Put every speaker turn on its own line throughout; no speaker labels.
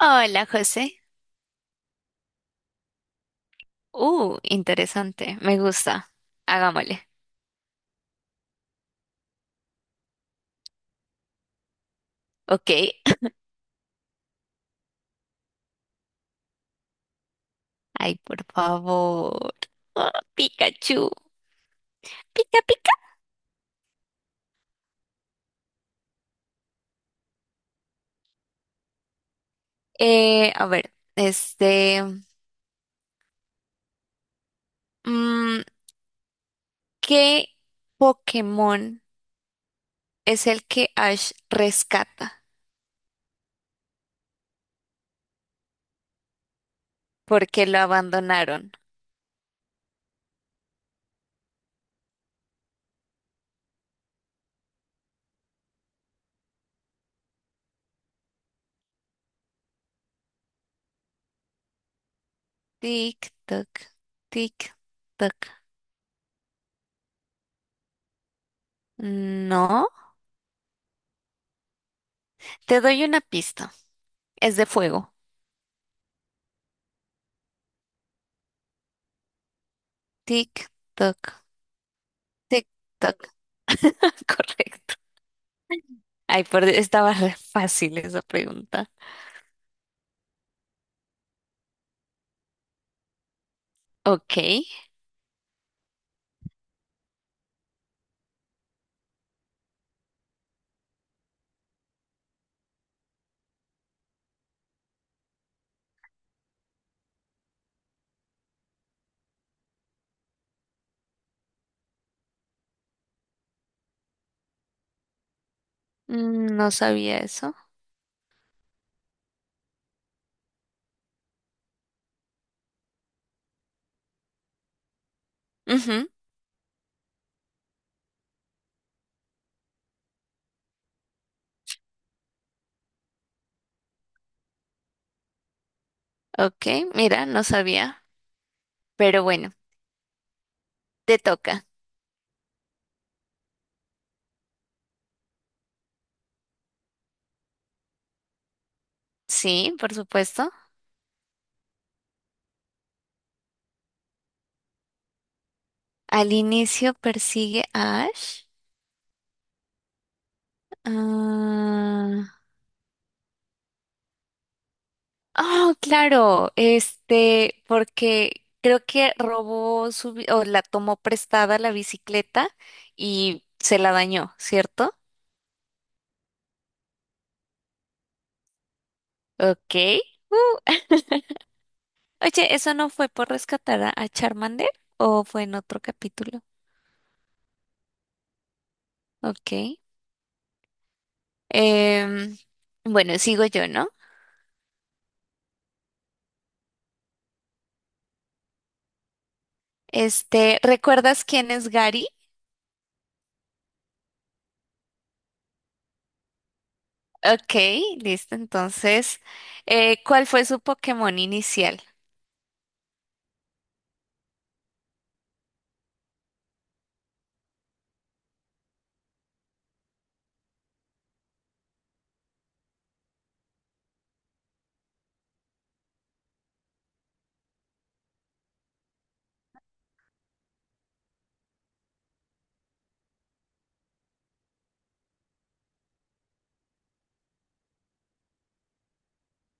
Hola, José. Interesante. Me gusta. Hagámosle. Ok. Ay, por favor. Oh, Pikachu. Pica, pica. A ver, este. mm, ¿Qué Pokémon es el que Ash rescata? Porque lo abandonaron. Tic, toc, tic, toc. No. Te doy una pista. Es de fuego. Tic, toc, tic, toc. Correcto. Ay, por... Dios, estaba re fácil esa pregunta. Ok, mm, no sabía eso. Ujú. Ok, mira, no sabía. Pero bueno, te toca. Sí, por supuesto. Al inicio persigue a Ash. Ah, oh, claro, este, porque creo que robó su, bi- o la tomó prestada la bicicleta y se la dañó, ¿cierto? Ok. uh, Oye, ¿eso no fue por rescatar a Charmander o fue en otro capítulo? Ok. Em, bueno, sigo yo, ¿no? Este, ¿recuerdas quién es Gary? Ok, listo. Entonces, ¿cuál fue su Pokémon inicial?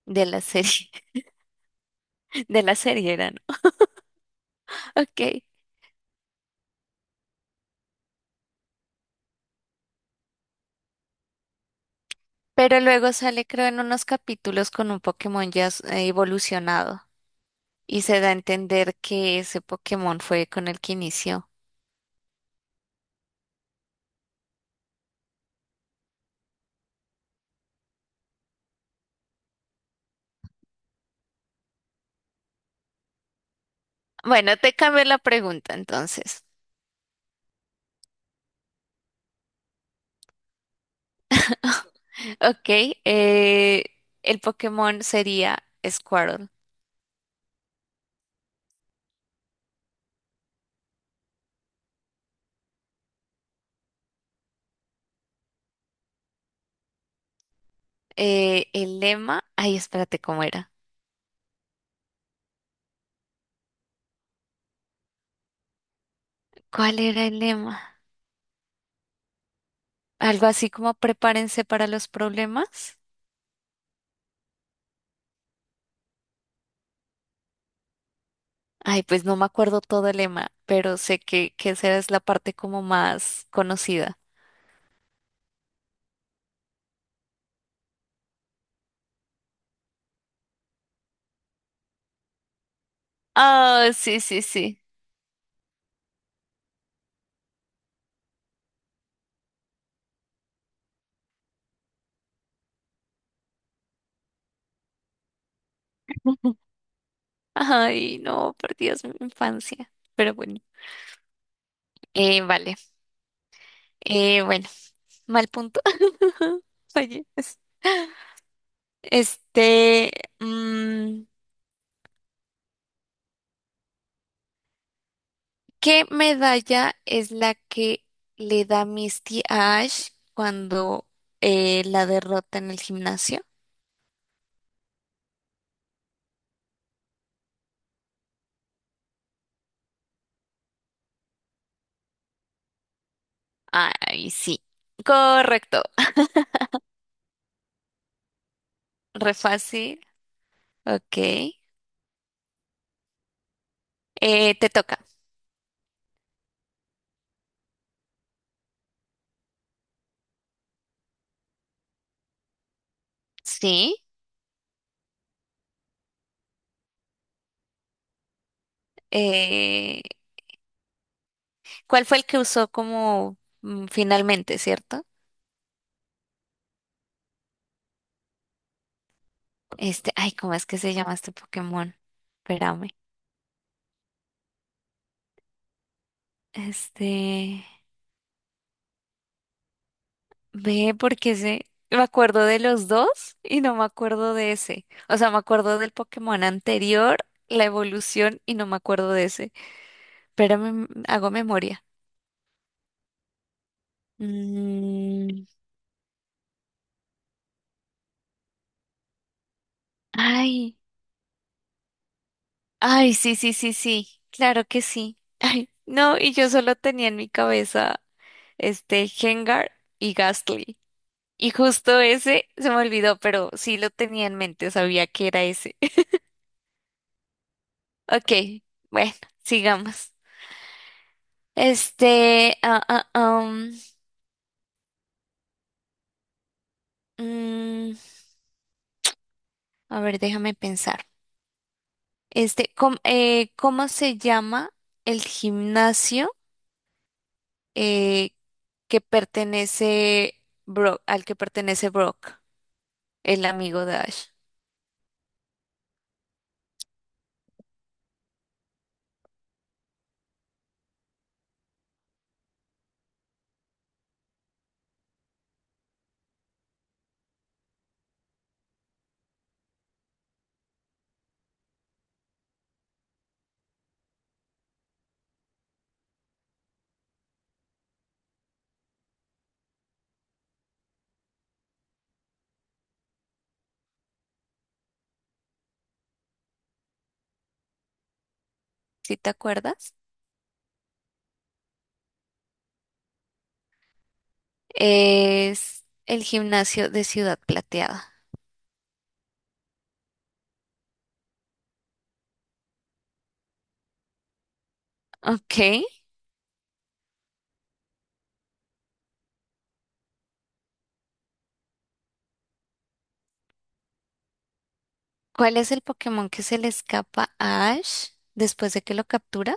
De la serie, de la serie era, ¿no? Ok. Pero luego sale, creo, en unos capítulos con un Pokémon ya s- evolucionado y se da a entender que ese Pokémon fue con el que inició. Bueno, te cambio la pregunta entonces. Ok, eh, el Pokémon sería Squirtle. El lema, ay, espérate, ¿cómo era? ¿Cuál era el lema? Algo así como prepárense para los problemas. Ay, pues no me acuerdo todo el lema, pero sé que esa es la parte como más conocida. Ah, sí, sí, sí. Ay, no, perdidas mi infancia. Pero bueno, vale. Bueno, mal punto. Oye, este, mm, ¿qué medalla es la que le da Misty a Ash cuando la derrota en el gimnasio? Ay, sí. Correcto. Re fácil. Ok. Te toca. Sí. Eh, ¿Cuál fue el que usó como finalmente, cierto? Este, ay, ¿cómo es que se llama este Pokémon? Espérame. Este, ve porque se, me acuerdo de los dos y no me acuerdo de ese. O sea, me acuerdo del Pokémon anterior, la evolución y no me acuerdo de ese. Espérame, m- hago memoria. Mm, ay, ay, sí, sí, sí, sí. Claro que sí. Ay, no, y yo solo tenía en mi cabeza este Gengar y Gastly. Y justo ese se me olvidó, pero sí lo tenía en mente, sabía que era ese. Ok, bueno, sigamos. Este, ah, ah, am, mm, a ver, déjame pensar. Este, com- ¿cómo se llama el gimnasio eh, que pertenece Brock, al que pertenece Brock, el amigo de Ash? ¿Sí te acuerdas? Es el gimnasio de Ciudad Plateada. Ok. ¿Cuál es el Pokémon que se le escapa a Ash después de que lo captura?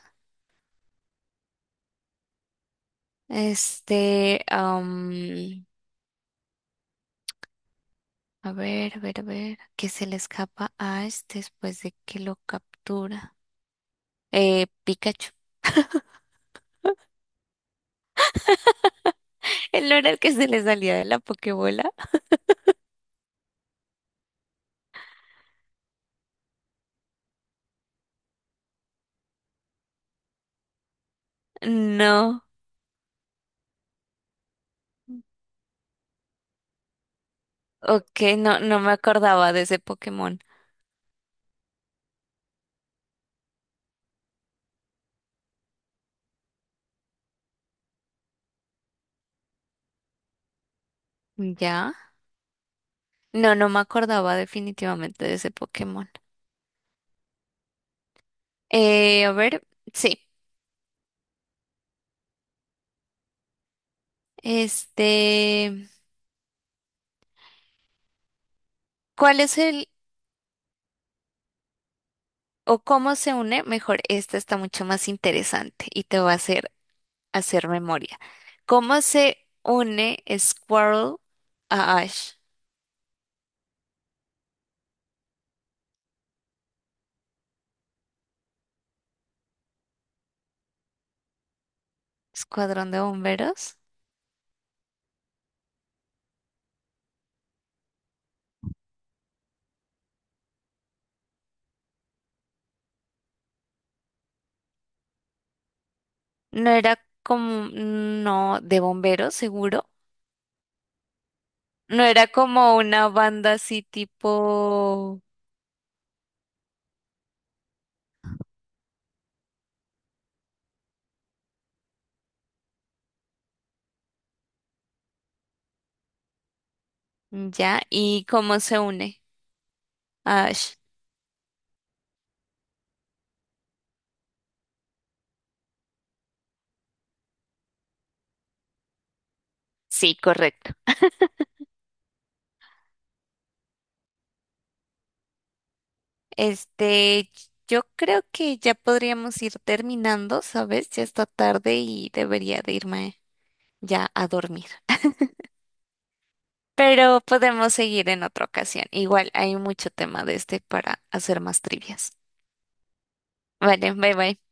Este, am, a ver, a ver, a ver, que se le escapa a Ash después de que lo captura. Pikachu. ¿El no era el que se le salía de la Pokébola? No. Ok, no, no me acordaba de ese Pokémon. ¿Ya? No, no me acordaba definitivamente de ese Pokémon. A ver, sí. Este, ¿cuál es el o cómo se une, mejor, esta está mucho más interesante y te va a hacer memoria. ¿Cómo se une Squirrel a Ash? ¿Escuadrón de bomberos? No era como, no, de bomberos, seguro. No era como una banda así tipo, ya, ¿y cómo se une a Ash? Sí, correcto. Este, yo creo que ya podríamos ir terminando, ¿sabes? Ya está tarde y debería de irme ya a dormir. Pero podemos seguir en otra ocasión. Igual hay mucho tema de este para hacer más trivias. Vale, bye bye.